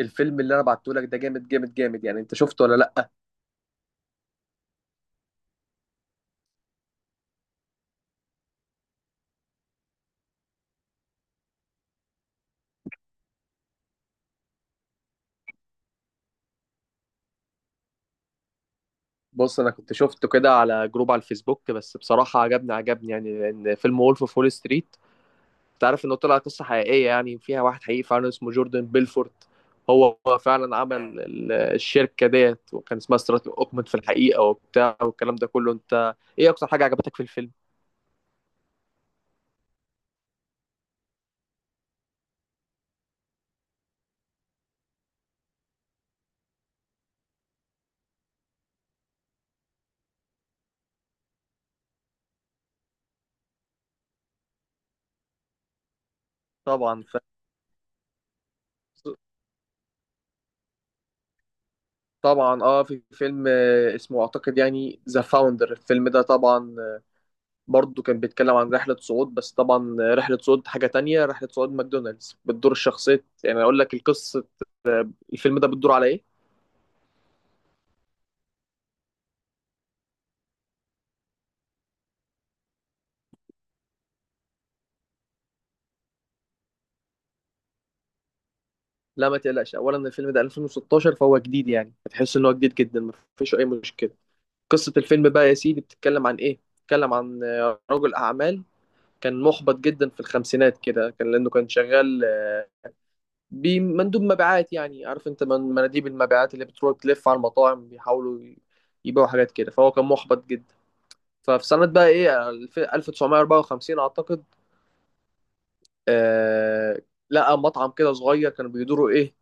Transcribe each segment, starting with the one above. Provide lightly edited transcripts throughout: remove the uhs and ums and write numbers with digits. الفيلم اللي انا بعته لك ده جامد جامد جامد يعني انت شفته ولا لا؟ بص، انا كنت شفته كده على جروب على الفيسبوك، بس بصراحه عجبني يعني لان فيلم وولف اوف وول ستريت انت عارف انه طلع قصه حقيقيه، يعني فيها واحد حقيقي فعلا اسمه جوردن بيلفورت. هو فعلا عمل الشركه ديت وكان اسمها ستراتيك اوكمنت في الحقيقه وبتاع والكلام ده كله. انت ايه اكتر حاجه عجبتك في الفيلم؟ طبعا طبعا اه، في فيلم اسمه اعتقد يعني ذا فاوندر. الفيلم ده طبعا برضه كان بيتكلم عن رحلة صعود، بس طبعا رحلة صعود حاجة تانية، رحلة صعود ماكدونالدز. بتدور الشخصية، يعني أقول لك القصة. الفيلم ده بتدور على إيه؟ لا ما تقلقش، أولا الفيلم ده 2016 فهو جديد، يعني هتحس إن هو جديد جدا. مفيش أي مشكلة. قصة الفيلم بقى يا سيدي بتتكلم عن إيه؟ بتتكلم عن رجل أعمال كان محبط جدا في الخمسينات كده، كان لأنه كان شغال بمندوب مبيعات. يعني عارف أنت مناديب المبيعات اللي بتروح تلف على المطاعم بيحاولوا يبيعوا حاجات كده، فهو كان محبط جدا. ففي سنة بقى ايه 1954 اعتقد. آه، لقى مطعم كده صغير كانوا بيدوروا ايه.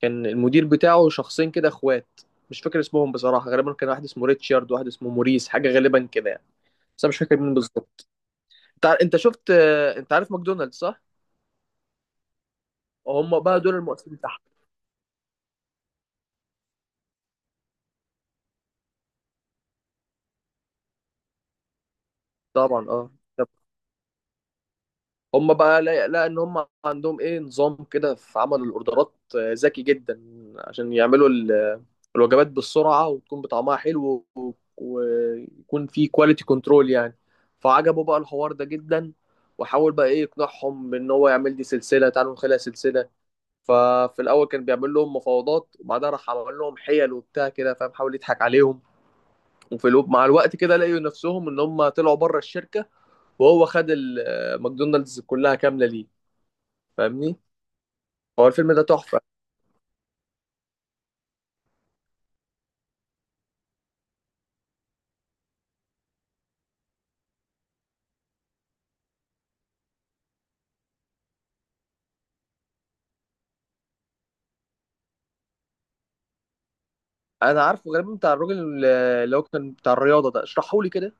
كان المدير بتاعه شخصين كده اخوات، مش فاكر اسمهم بصراحة، غالبا كان واحد اسمه ريتشارد وواحد اسمه موريس، حاجة غالبا كده يعني. بس انا مش فاكر مين بالظبط. انت انت شفت آه، انت عارف ماكدونالدز صح؟ هم بقى دول المؤسسين تحت. طبعا اه. طب هم بقى لا ان هم عندهم ايه نظام كده في عمل الاوردرات ذكي جدا، عشان يعملوا الوجبات بالسرعة وتكون بطعمها حلو، ويكون في كواليتي كنترول يعني. فعجبه بقى الحوار ده جدا، وحاول بقى ايه يقنعهم بان هو يعمل دي سلسله، تعالوا نخليها سلسله. ففي الاول كان بيعمل لهم مفاوضات، وبعدها راح عمل لهم حيل وبتاع كده، فاهم، حاول يضحك عليهم. وفي الوب مع الوقت كده لقوا نفسهم ان هم طلعوا بره الشركه، وهو خد ماكدونالدز كلها كامله ليه. فاهمني، هو الفيلم ده تحفه. انا عارفه غالبا بتاع الراجل اللي هو كان بتاع الرياضه ده، اشرحه لي كده.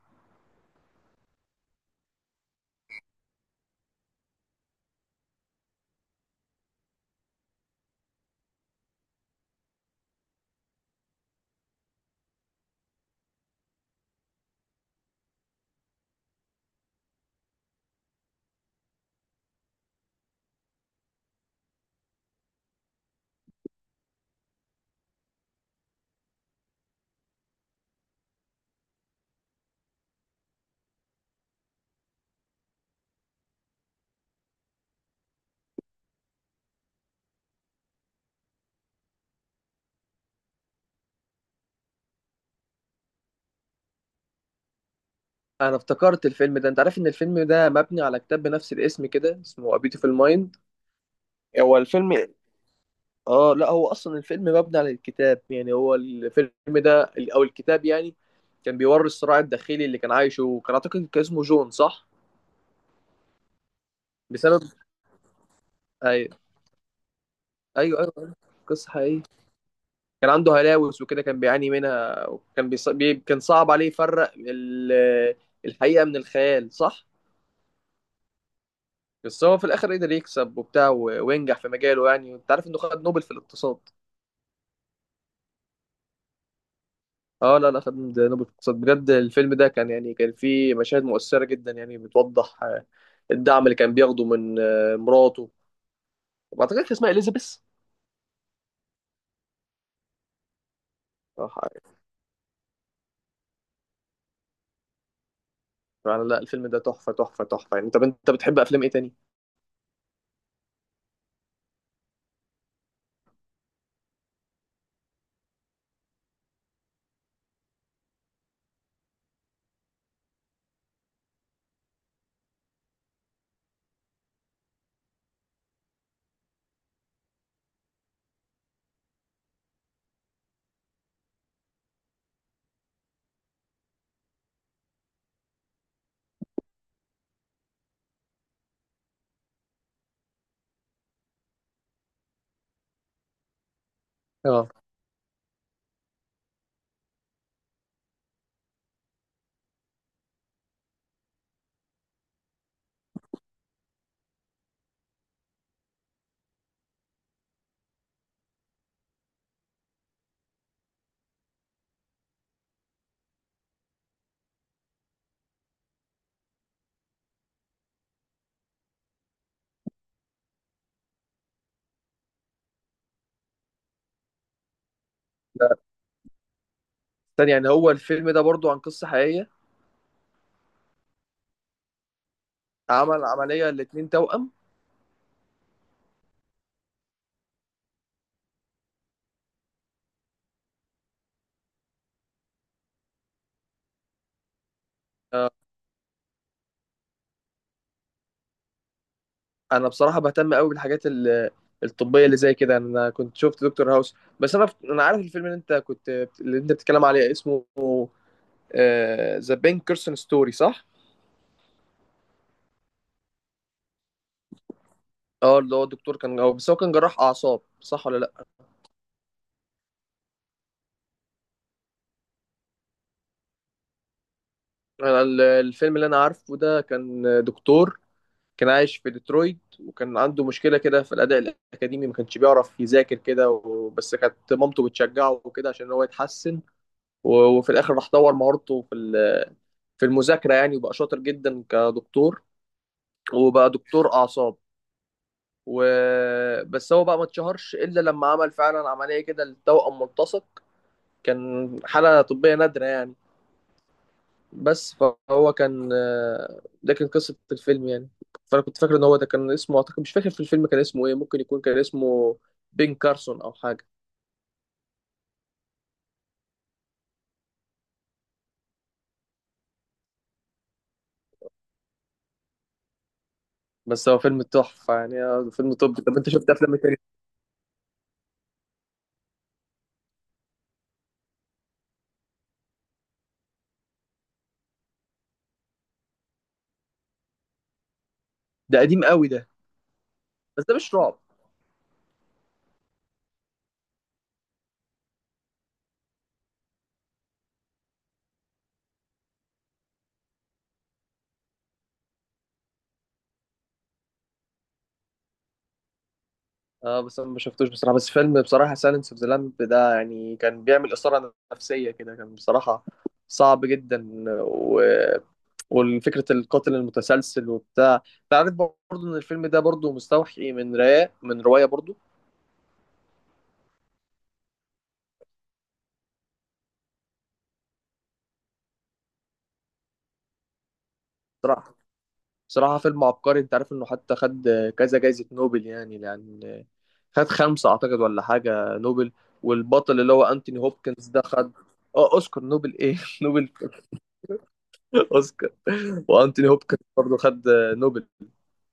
انا افتكرت الفيلم ده، انت عارف ان الفيلم ده مبني على كتاب بنفس الاسم كده اسمه A Beautiful Mind؟ هو الفيلم اه، لا هو اصلا الفيلم مبني على الكتاب يعني، هو الفيلم ده او الكتاب يعني كان بيوري الصراع الداخلي اللي كان عايشه، وكان اعتقد كان اسمه جون صح؟ بسبب، ايوه، ايوه أيوه. قصة حقيقية. كان عنده هلاوس وكده كان بيعاني منها، وكان كان صعب عليه يفرق الحقيقة من الخيال صح. بس هو في الاخر قدر يكسب وبتاع وينجح في مجاله، يعني انت عارف انه خد نوبل في الاقتصاد. اه لا لا، خدنا نوبل اقتصاد بجد. الفيلم ده كان يعني كان فيه مشاهد مؤثرة جدا، يعني بتوضح آه، الدعم اللي كان بياخده من آه، مراته، وبعتقد كان اسمها اليزابيث. اه يعني لا، الفيلم ده تحفة تحفة تحفة يعني. طب انت بتحب افلام ايه تاني؟ اه لا. تاني يعني هو الفيلم ده برضو عن قصة حقيقية؟ عمل عملية الاتنين توأم. آه، انا بصراحة بهتم قوي بالحاجات الطبية اللي زي كده، انا كنت شفت دكتور هاوس. بس انا عارف الفيلم اللي انت كنت، اللي انت بتتكلم عليه اسمه ذا بين كيرسون ستوري صح؟ اه اللي هو الدكتور كان هو، بس هو كان جراح اعصاب صح ولا لا؟ انا الفيلم اللي انا عارفه ده كان دكتور كان عايش في ديترويت، وكان عنده مشكله كده في الاداء الاكاديمي، ما كانش بيعرف يذاكر كده بس كانت مامته بتشجعه وكده عشان هو يتحسن، وفي الاخر راح طور مهارته في في المذاكره يعني، وبقى شاطر جدا كدكتور، وبقى دكتور اعصاب. وبس هو بقى ما اتشهرش الا لما عمل فعلا عمليه كده للتوأم ملتصق. كان حالة طبية نادرة يعني. بس فهو كان آه، ده كان قصة الفيلم يعني. فأنا كنت فاكر إن هو ده كان اسمه أعتقد، مش فاكر في الفيلم كان اسمه إيه، ممكن يكون كان اسمه بين كارسون أو حاجة. بس هو فيلم تحفة يعني. آه، فيلم طب. طب أنت شفت أفلام إيه تاني؟ ده قديم قوي ده. بس ده مش رعب. اه بس انا ما شفتوش بصراحه، بس فيلم بصراحه سايلنس اوف ذا لامب ده يعني كان بيعمل اثاره نفسيه كده، كان بصراحه صعب جدا و... والفكرة القاتل المتسلسل وبتاع. انت عارف برضه ان الفيلم ده برضه مستوحي من رواية، برضه. بصراحة، بصراحة فيلم عبقري. انت عارف انه حتى خد كذا جايزة نوبل يعني، لان خد خمسة اعتقد ولا حاجة نوبل، والبطل اللي هو انتوني هوبكنز ده خد. اه اوسكار نوبل ايه نوبل اوسكار. وانتوني هوبكنز برضه خد نوبل.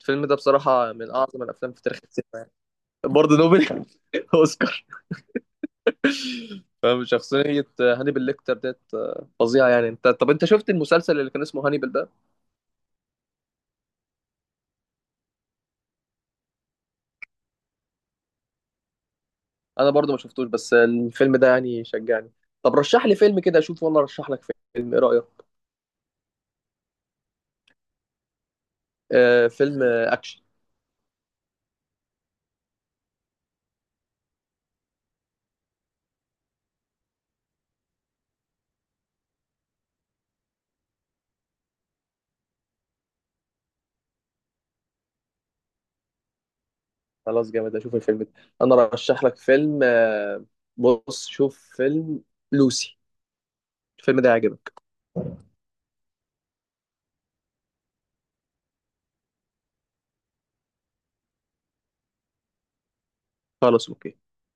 الفيلم ده بصراحة من اعظم الافلام في تاريخ السينما يعني. برضه نوبل اوسكار. فاهم شخصية هانيبال ليكتر ديت آه، فظيعة يعني. انت طب انت شفت المسلسل اللي كان اسمه هانيبال ده؟ انا برضو ما شفتوش، بس الفيلم ده يعني شجعني. طب رشح لي فيلم كده اشوف وانا ارشح لك فيلم، ايه رأيك؟ آه فيلم آه، اكشن. خلاص جامد، اشوف الفيلم ده. انا رشح لك فيلم آه، بص شوف فيلم لوسي، الفيلم ده يعجبك. خلاص اوكي.